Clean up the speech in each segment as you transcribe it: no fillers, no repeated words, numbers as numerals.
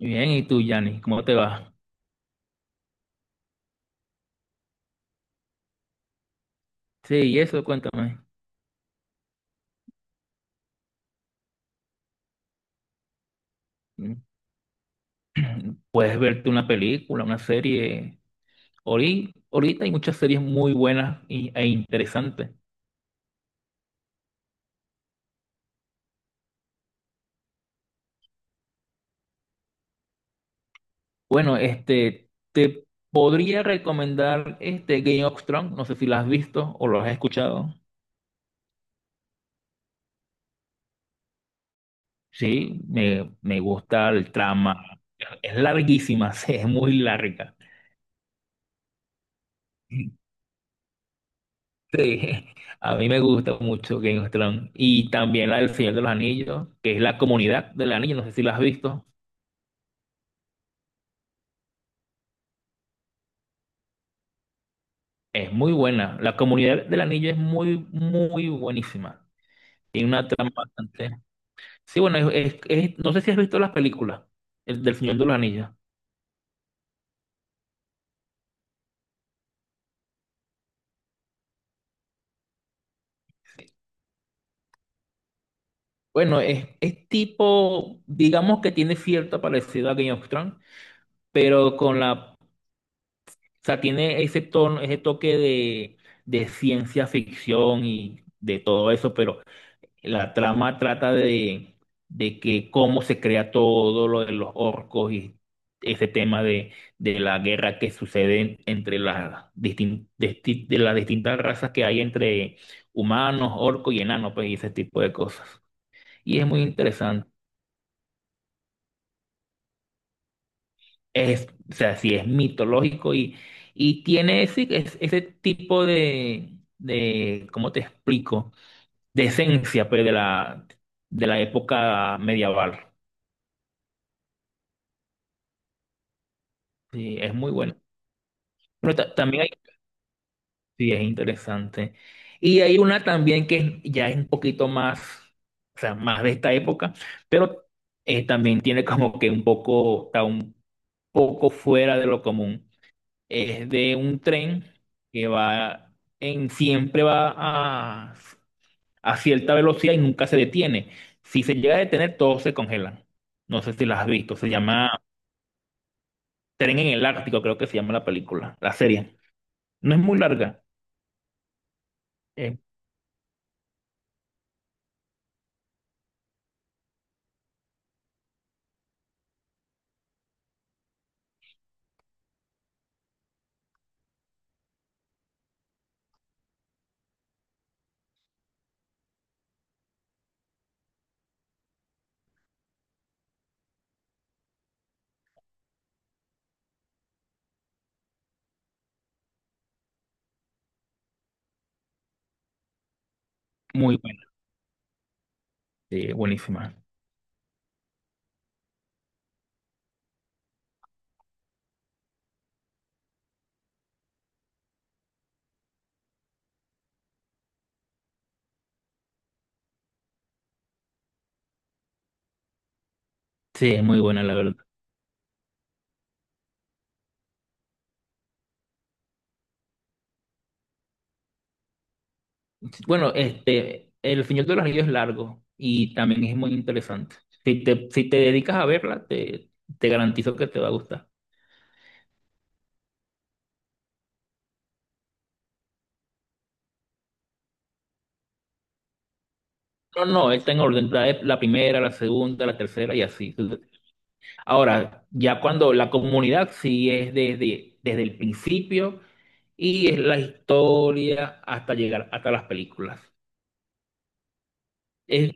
Bien, ¿y tú, Yanni? ¿Cómo te va? Sí, y eso, cuéntame. Mm, puedes verte una película, una serie. Ahorita hay muchas series muy buenas e interesantes. Bueno, este, te podría recomendar este Game of Thrones. No sé si la has visto o lo has escuchado. Sí, me gusta el trama. Es larguísima, sí, es muy larga. Sí, a mí me gusta mucho Game of Thrones y también la del Señor de los Anillos, que es la comunidad del anillo, no sé si la has visto, es muy buena. La comunidad del anillo es muy, muy buenísima. Tiene una trama bastante... Sí, bueno, no sé si has visto las películas el del Señor de los Anillos. Bueno, es tipo, digamos que tiene cierta parecida a Game of Thrones, pero con la... O sea, tiene ese tono, ese toque de ciencia ficción y de todo eso, pero... La trama trata de que cómo se crea todo lo de los orcos y ese tema de la guerra que sucede entre las de las distintas razas que hay entre humanos, orcos y enanos, pues, y ese tipo de cosas. Y es muy interesante. Es, o sea, sí es mitológico y tiene ese, ese tipo de, ¿cómo te explico? De esencia, pues, de la época medieval. Sí, es muy bueno. Pero también hay, sí, es interesante. Y hay una también que ya es un poquito más, o sea, más de esta época, pero también tiene como que un poco, está un poco fuera de lo común. Es de un tren que va en, siempre va a cierta velocidad y nunca se detiene. Si se llega a detener, todos se congelan. No sé si las has visto, se llama Tren en el Ártico, creo que se llama la película, la serie. No es muy larga, es muy buena. Sí, buenísima. Sí, es muy buena, la verdad. Bueno, este, El Señor de los Anillos es largo y también es muy interesante. Si te, si te dedicas a verla, te garantizo que te va a gustar. No, no, está en orden, trae la primera, la segunda, la tercera y así. Ahora, ya cuando la comunidad sí es desde, desde el principio y es la historia hasta llegar hasta las películas. Es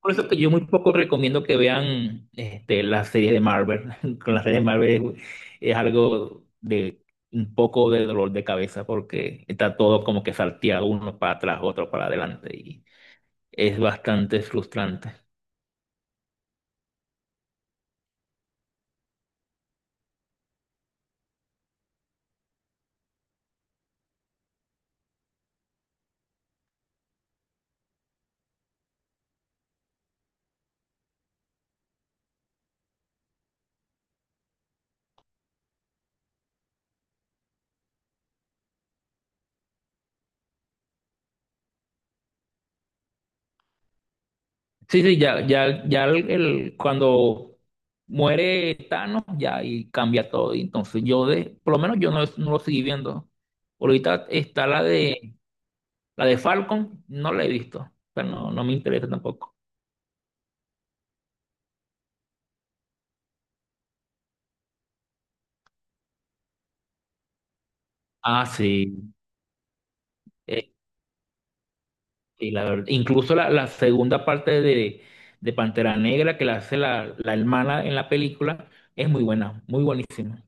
por eso que yo muy poco recomiendo que vean este, las series de Marvel. Con las series de Marvel es algo de un poco de dolor de cabeza porque está todo como que salteado uno para atrás, otro para adelante y es bastante frustrante. Sí, sí, ya, ya, ya cuando muere Thanos ya y cambia todo. Y entonces yo de, por lo menos yo no, no lo seguí viendo. Ahorita está la de Falcon, no la he visto, pero no, no me interesa tampoco. Ah, sí. Eh, incluso la, la segunda parte de Pantera Negra que la hace la, la hermana en la película es muy buena, muy buenísima.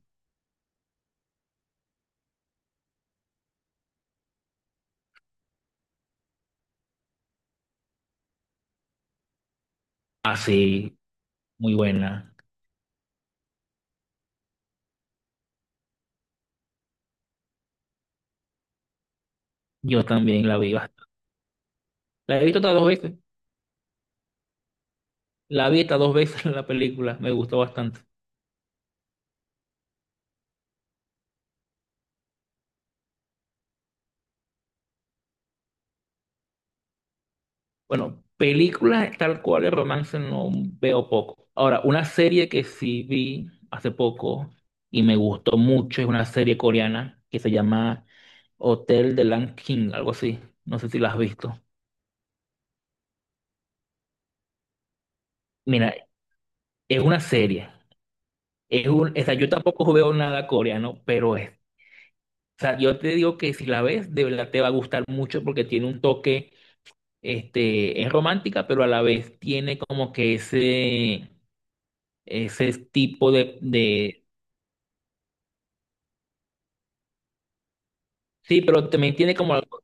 Ah, sí, muy buena. Yo también la vi. La he visto hasta dos veces. La vi hasta dos veces en la película. Me gustó bastante. Bueno, películas tal cual de romance no veo poco. Ahora, una serie que sí vi hace poco y me gustó mucho es una serie coreana que se llama Hotel de Land King, algo así. No sé si la has visto. Mira, es una serie. Es un, o sea, yo tampoco veo nada coreano, pero es. O sea, yo te digo que si la ves, de verdad te va a gustar mucho porque tiene un toque, este, es romántica, pero a la vez tiene como que ese tipo de, sí, pero también tiene como algo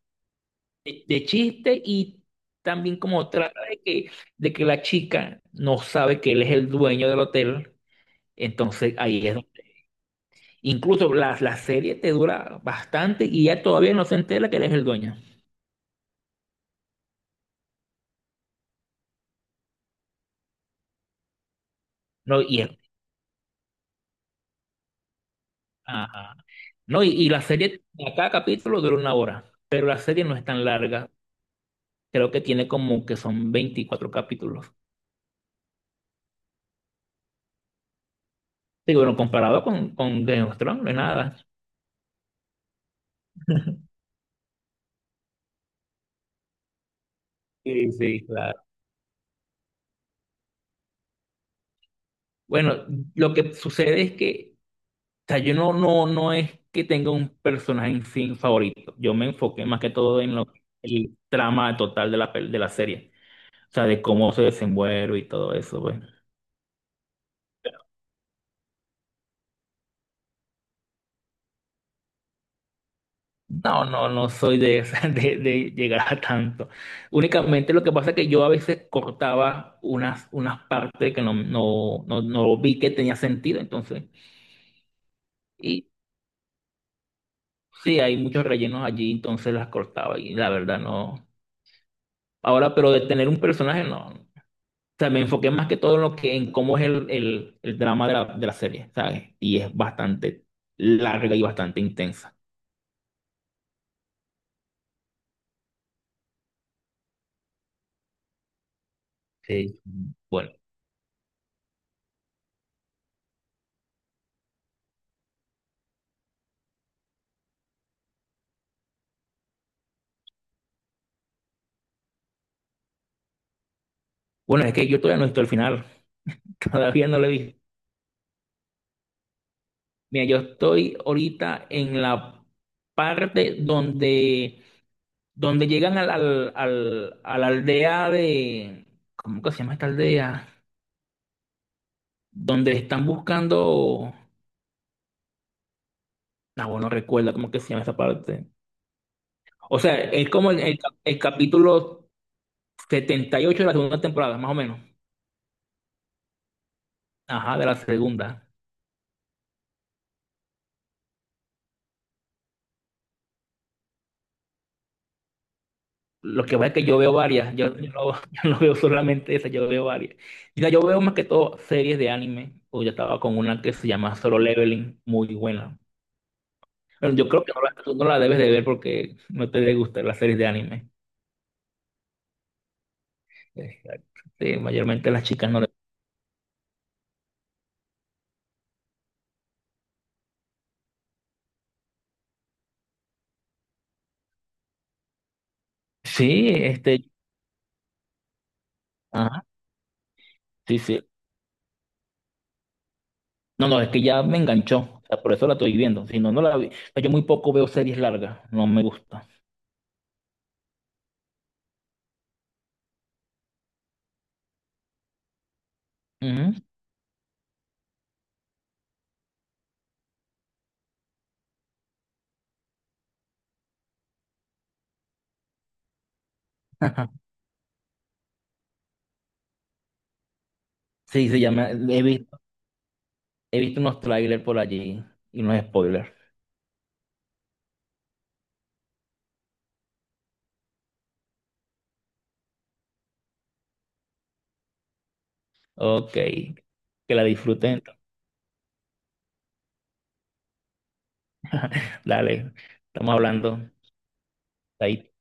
de chiste y también como trata de que la chica no sabe que él es el dueño del hotel. Entonces ahí es incluso la, la serie te dura bastante y ya todavía no se entera que eres el dueño. No, ajá. No, y la serie, cada capítulo dura una hora, pero la serie no es tan larga. Creo que tiene como que son 24 capítulos. Sí, bueno, comparado con Game of Thrones, no es nada. Sí, sí, claro. Bueno, lo que sucede es que, o sea, yo no, no, no es que tenga un personaje en sí favorito. Yo me enfoqué más que todo en lo, el trama total de la, de la serie. O sea, de cómo se desenvuelve y todo eso, pues. No, no, no soy de, de llegar a tanto. Únicamente lo que pasa es que yo a veces cortaba unas, unas partes que no, no, no, no vi que tenía sentido, entonces. Y sí, hay muchos rellenos allí, entonces las cortaba y la verdad no. Ahora, pero de tener un personaje, no. O sea, me enfoqué más que todo en lo que, en cómo es el drama de la serie, ¿sabes? Y es bastante larga y bastante intensa. Sí. Bueno. Bueno, es que yo todavía no he visto el final, todavía no lo he visto. Mira, yo estoy ahorita en la parte donde, donde llegan a la aldea de... ¿Cómo que se llama esta aldea? Donde están buscando... No, bueno, no recuerdo cómo que se llama esa parte. O sea, es como el, el capítulo 78 de la segunda temporada, más o menos. Ajá, de la segunda. Lo que pasa es que yo veo varias, yo no, yo no veo solamente esa, yo veo varias. Mira, yo veo más que todo series de anime, o yo estaba con una que se llama Solo Leveling, muy buena. Bueno, yo creo que tú no la debes de ver porque no te gustan las series de anime. Exacto. Sí, mayormente las chicas no le... Sí, este, ajá, sí, sí. No, no, es que ya me enganchó, o sea, por eso la estoy viendo, si no, no la vi. O sea, yo muy poco veo series largas, no me gusta. Ujú. Sí, se llama, he visto unos trailers por allí y unos spoilers. Ok, que la disfruten. Dale, estamos hablando. Ahí